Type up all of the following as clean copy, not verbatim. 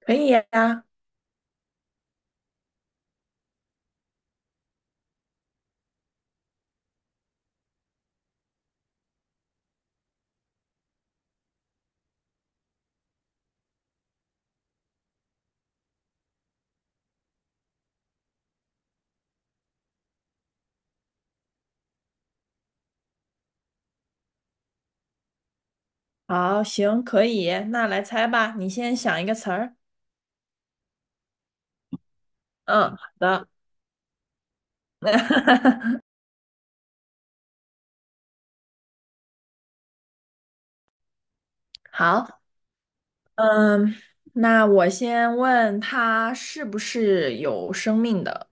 可以呀，好，行，可以，那来猜吧，你先想一个词儿。嗯，好的，好，嗯，那我先问它是不是有生命的？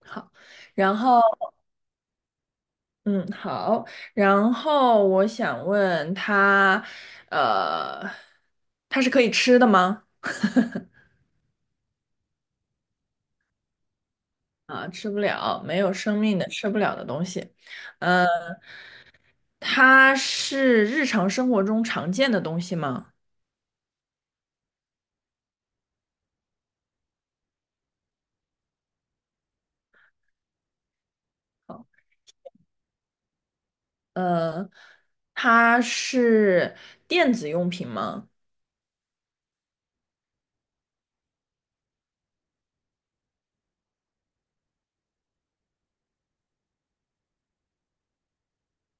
好，然后，嗯，好，然后我想问它，呃，它是可以吃的吗？啊，吃不了，没有生命的，吃不了的东西。呃，它是日常生活中常见的东西吗？呃，它是电子用品吗？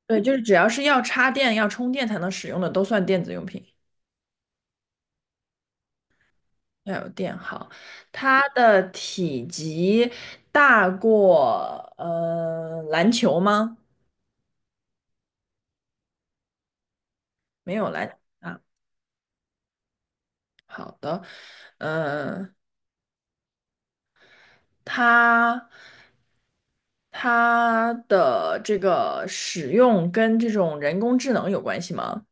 对，就是只要是要插电、要充电才能使用的，都算电子用品。要有电好，它的体积大过篮球吗？没有篮啊。好的，嗯、它它的这个使用跟这种人工智能有关系吗？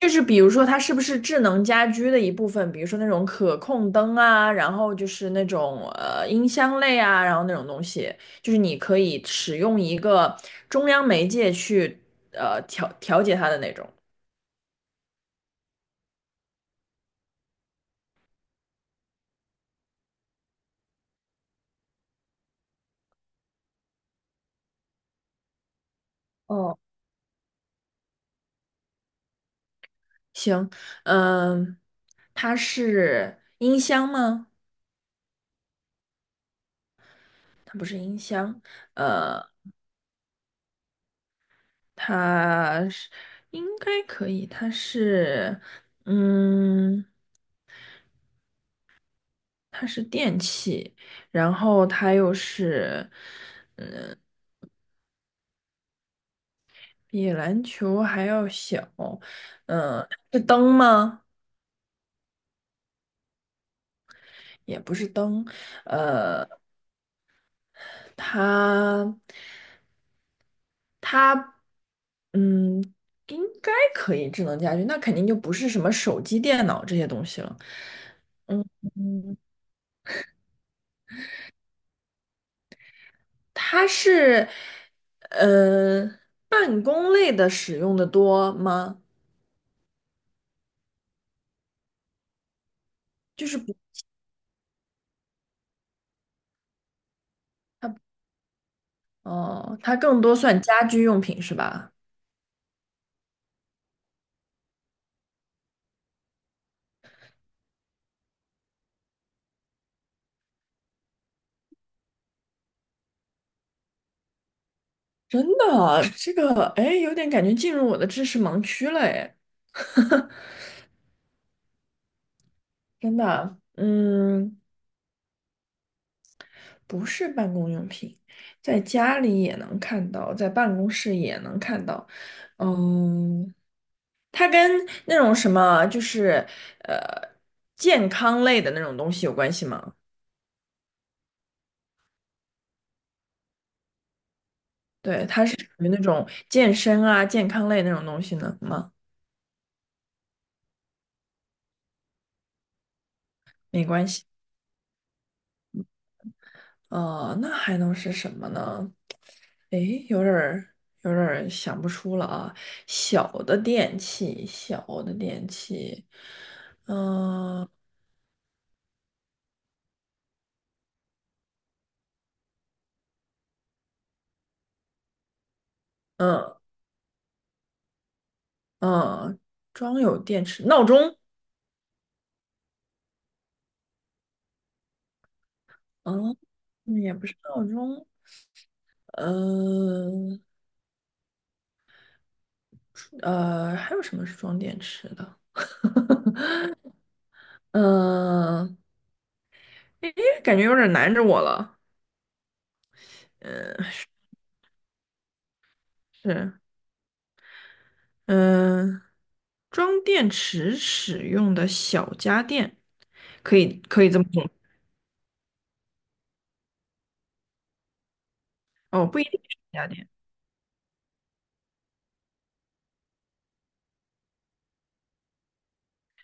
就是比如说它是不是智能家居的一部分，比如说那种可控灯啊，然后就是那种音箱类啊，然后那种东西，就是你可以使用一个中央媒介去调节它的那种。哦，行，嗯，它是音箱吗？它不是音箱，呃，它是应该可以，它是嗯。它是电器，然后它又是比篮球还要小，是灯吗？也不是灯，它它嗯，应该可以智能家居，那肯定就不是什么手机、电脑这些东西了。嗯，它是呃办公类的使用的多吗？就是不它哦，它更多算家居用品是吧？真的，这个哎，有点感觉进入我的知识盲区了哎，真的，嗯，不是办公用品，在家里也能看到，在办公室也能看到，嗯，它跟那种什么就是呃健康类的那种东西有关系吗？对，它是属于那种健身啊、健康类那种东西呢吗？没关系，哦、那还能是什么呢？诶，有点儿想不出了啊。小的电器，小的电器，嗯嗯嗯，装有电池，闹钟，嗯，嗯也不是闹钟，嗯呃，还有什么是装电池的？嗯，诶，感觉有点难着我了。嗯是，嗯，装电池使用的小家电，可以这么说。哦，不一定是家电。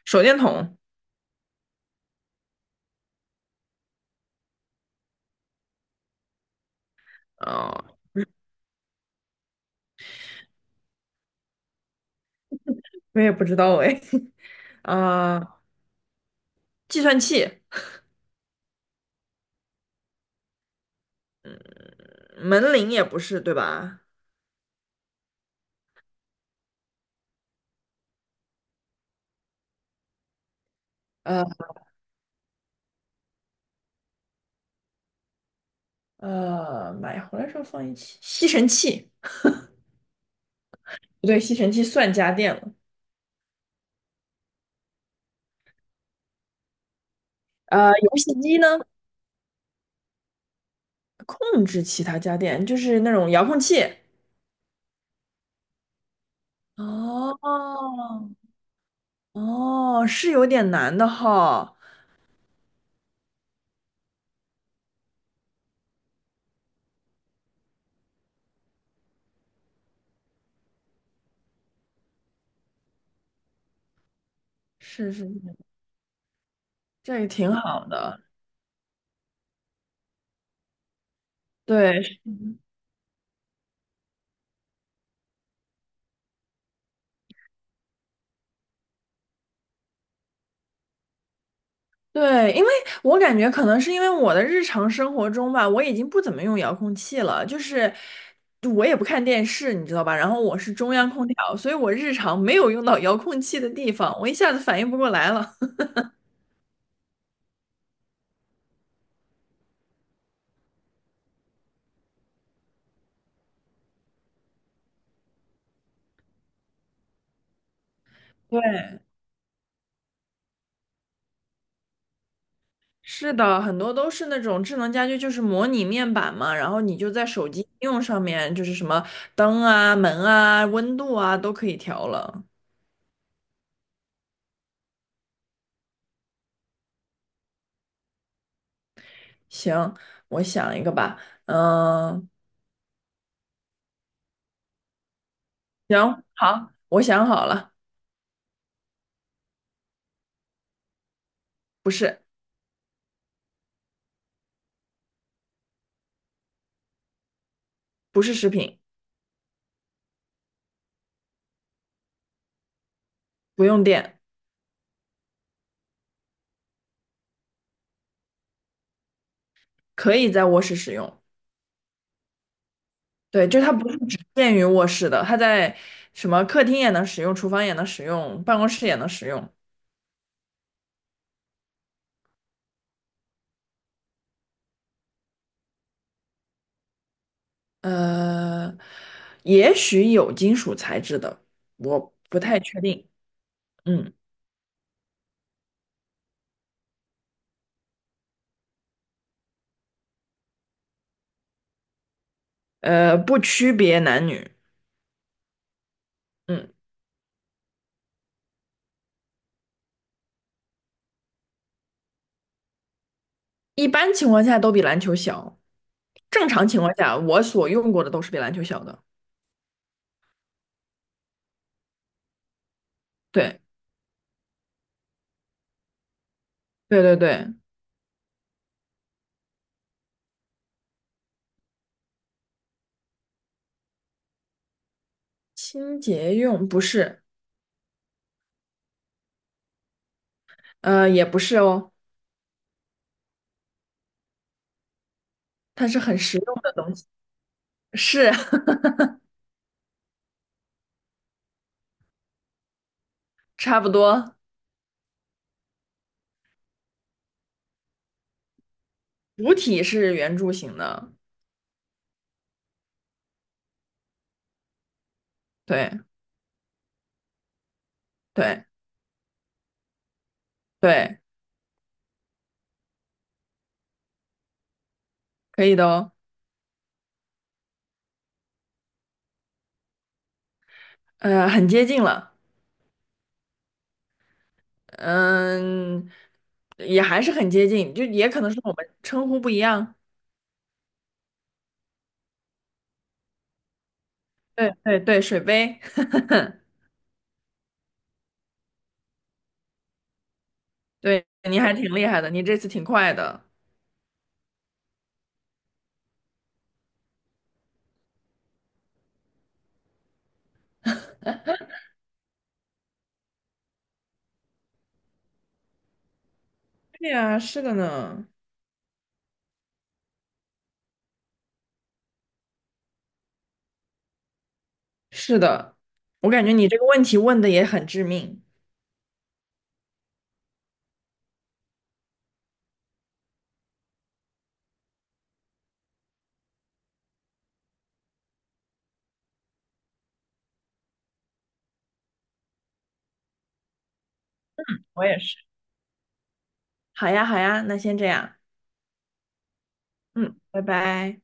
手电筒，啊，我也不知道哎，啊，计算器，门铃也不是，对吧？呃呃，买回来时候放一起，吸尘器，不对，吸尘器算家电了。呃，游戏机呢，控制其他家电，就是那种遥控器。哦哦，是有点难的哈，是是是，这个挺好的，对。是对，因为我感觉可能是因为我的日常生活中吧，我已经不怎么用遥控器了，就是我也不看电视，你知道吧？然后我是中央空调，所以我日常没有用到遥控器的地方，我一下子反应不过来了。对，是的，很多都是那种智能家居，就是模拟面板嘛，然后你就在手机应用上面，就是什么灯啊、门啊、温度啊都可以调了。行，我想一个吧，嗯，行，好，我想好了，不是。不是食品，不用电，可以在卧室使用。对，就它不是只限于卧室的，它在什么客厅也能使用，厨房也能使用，办公室也能使用。呃，也许有金属材质的，我不太确定。嗯，呃，不区别男女。嗯，一般情况下都比篮球小。正常情况下，我所用过的都是比篮球小的。对，对对对，清洁用不是，呃，也不是哦，它是很实用的东西。是 差不多，主体是圆柱形的，对对对，可以的哦，呃，很接近了，嗯，也还是很接近，就也可能是我们称呼不一样，对对对，水杯，对，你还挺厉害的，你这次挺快的，对呀，是的呢，是的，我感觉你这个问题问的也很致命，我也是，好呀好呀，那先这样，嗯，拜拜。